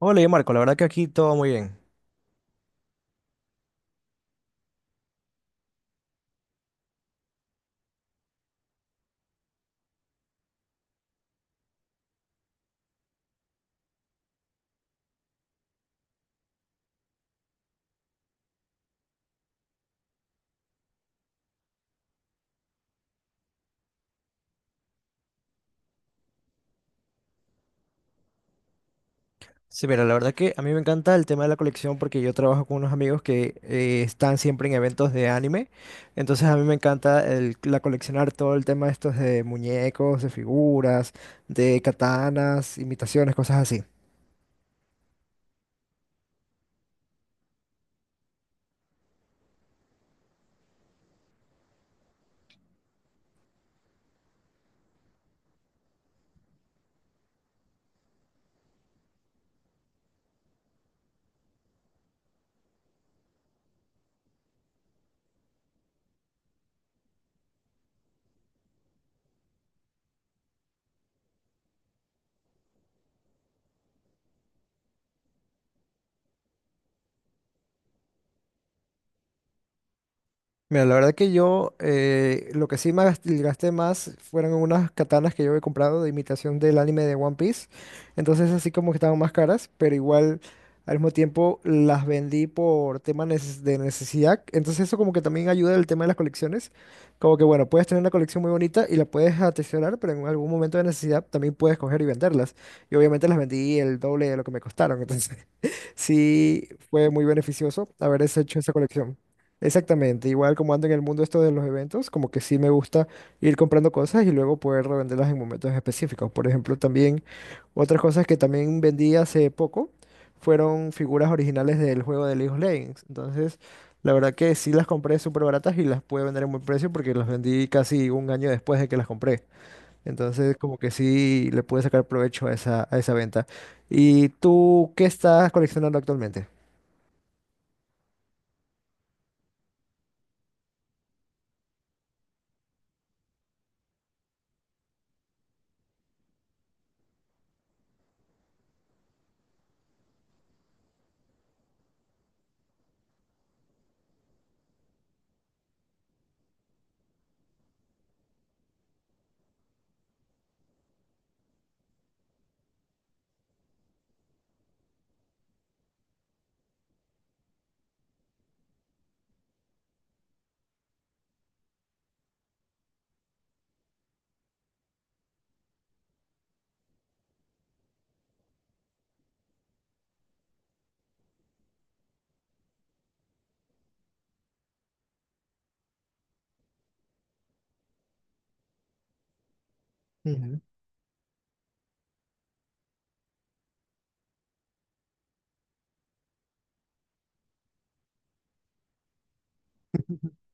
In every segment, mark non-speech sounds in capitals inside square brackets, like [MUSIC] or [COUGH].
Hola, yo Marco, la verdad que aquí todo muy bien. Sí, mira, la verdad que a mí me encanta el tema de la colección porque yo trabajo con unos amigos que están siempre en eventos de anime. Entonces a mí me encanta la coleccionar todo el tema estos de muñecos, de figuras, de katanas, imitaciones, cosas así. Mira, la verdad que yo lo que sí me gasté más fueron unas katanas que yo he comprado de imitación del anime de One Piece. Entonces así como que estaban más caras, pero igual al mismo tiempo las vendí por tema de necesidad. Entonces eso como que también ayuda el tema de las colecciones. Como que bueno, puedes tener una colección muy bonita y la puedes atesorar, pero en algún momento de necesidad también puedes coger y venderlas. Y obviamente las vendí el doble de lo que me costaron. Entonces [LAUGHS] sí fue muy beneficioso haber hecho esa colección. Exactamente, igual como ando en el mundo esto de los eventos, como que sí me gusta ir comprando cosas y luego poder revenderlas en momentos específicos. Por ejemplo, también otras cosas que también vendí hace poco fueron figuras originales del juego de League of Legends. Entonces, la verdad que sí las compré súper baratas y las pude vender en buen precio porque las vendí casi un año después de que las compré. Entonces, como que sí le pude sacar provecho a esa venta. ¿Y tú qué estás coleccionando actualmente? Ujú. [LAUGHS]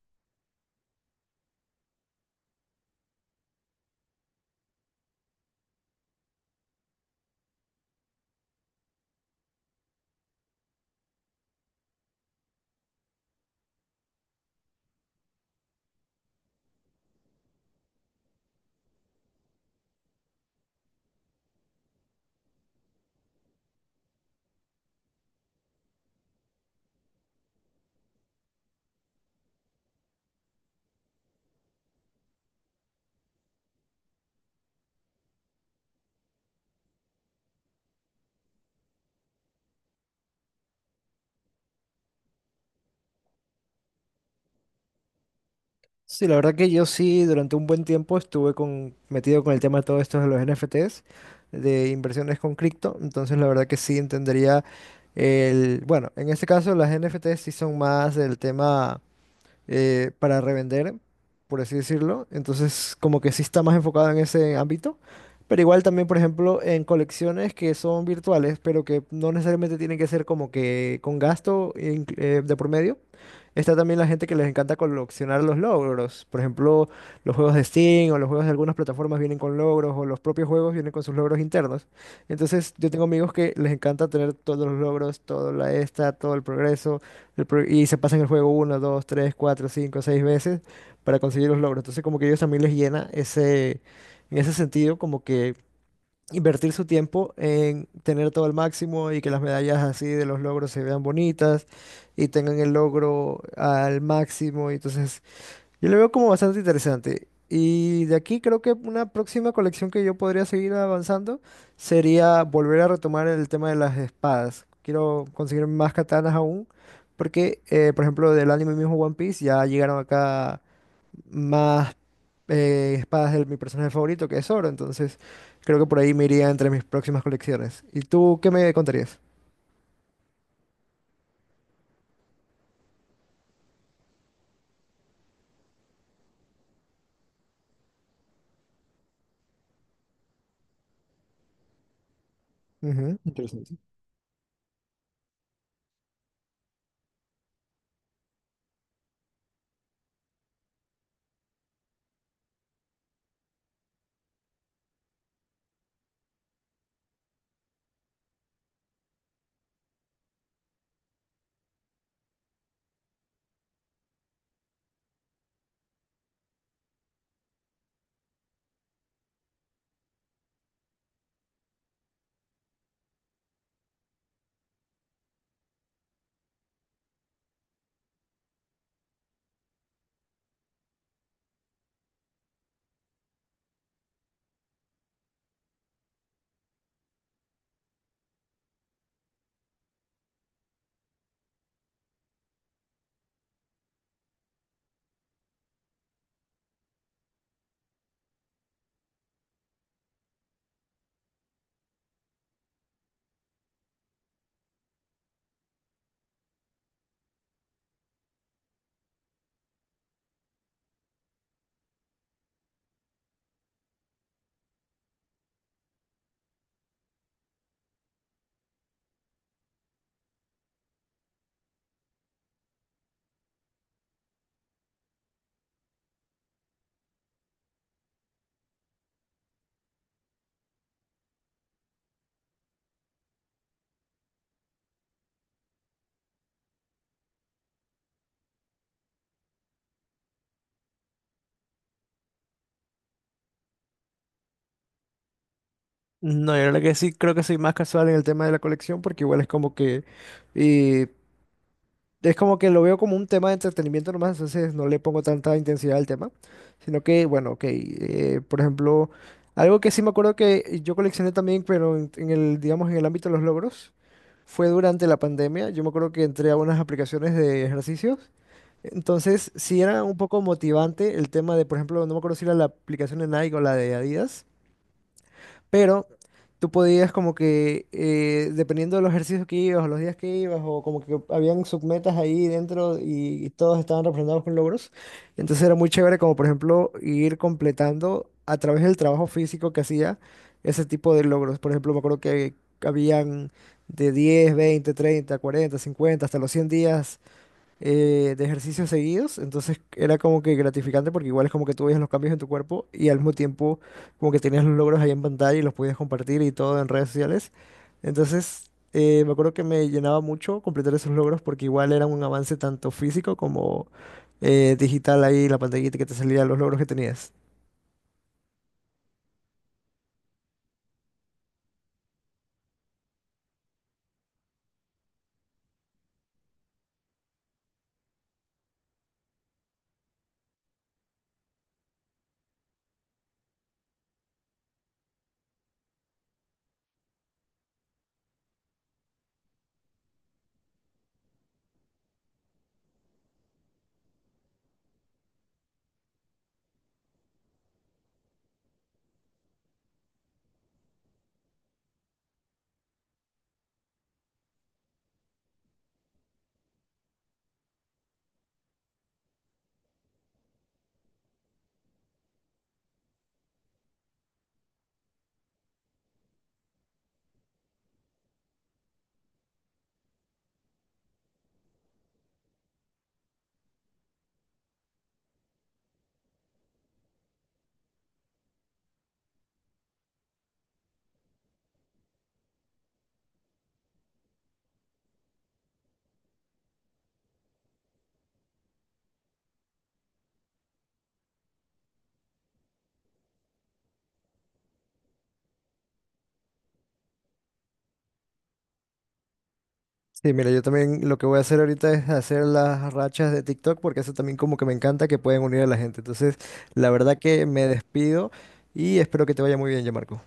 Sí, la verdad que yo sí durante un buen tiempo estuve metido con el tema de todo esto de los NFTs, de inversiones con cripto, entonces la verdad que sí entendería el, bueno, en este caso las NFTs sí son más del tema para revender, por así decirlo. Entonces, como que sí está más enfocado en ese ámbito. Pero igual también, por ejemplo, en colecciones que son virtuales, pero que no necesariamente tienen que ser como que con gasto de por medio. Está también la gente que les encanta coleccionar los logros. Por ejemplo, los juegos de Steam o los juegos de algunas plataformas vienen con logros o los propios juegos vienen con sus logros internos. Entonces, yo tengo amigos que les encanta tener todos los logros, todo el progreso, y se pasan el juego una 2 3 4 5 6 veces para conseguir los logros. Entonces como que a ellos también les llena en ese sentido, como que invertir su tiempo en tener todo al máximo y que las medallas así de los logros se vean bonitas y tengan el logro al máximo. Y entonces yo lo veo como bastante interesante. Y de aquí creo que una próxima colección que yo podría seguir avanzando sería volver a retomar el tema de las espadas. Quiero conseguir más katanas aún, porque, por ejemplo, del anime mismo One Piece ya llegaron acá más espadas de mi personaje favorito, que es Zoro. Entonces, creo que por ahí me iría entre mis próximas colecciones. ¿Y tú qué me contarías? Ujú. No, yo la verdad que sí, creo que soy más casual en el tema de la colección porque igual es como que es como que lo veo como un tema de entretenimiento nomás, entonces no le pongo tanta intensidad al tema, sino que, bueno, ok, por ejemplo, algo que sí me acuerdo que yo coleccioné también, pero digamos, en el ámbito de los logros, fue durante la pandemia, yo me acuerdo que entré a unas aplicaciones de ejercicios, entonces sí era un poco motivante el tema de, por ejemplo, no me acuerdo si era la aplicación de Nike o la de Adidas, pero tú podías como que, dependiendo de los ejercicios que ibas o los días que ibas, o como que habían submetas ahí dentro y todos estaban representados con logros. Entonces era muy chévere como por ejemplo ir completando a través del trabajo físico que hacía ese tipo de logros. Por ejemplo, me acuerdo que habían de 10, 20, 30, 40, 50 hasta los 100 días de ejercicios seguidos, entonces era como que gratificante porque igual es como que tú veías los cambios en tu cuerpo y al mismo tiempo como que tenías los logros ahí en pantalla y los podías compartir y todo en redes sociales. Entonces me acuerdo que me llenaba mucho completar esos logros porque igual era un avance tanto físico como digital ahí, la pantallita que te salía los logros que tenías. Sí, mira, yo también lo que voy a hacer ahorita es hacer las rachas de TikTok porque eso también como que me encanta que pueden unir a la gente. Entonces, la verdad que me despido y espero que te vaya muy bien, ya Marco.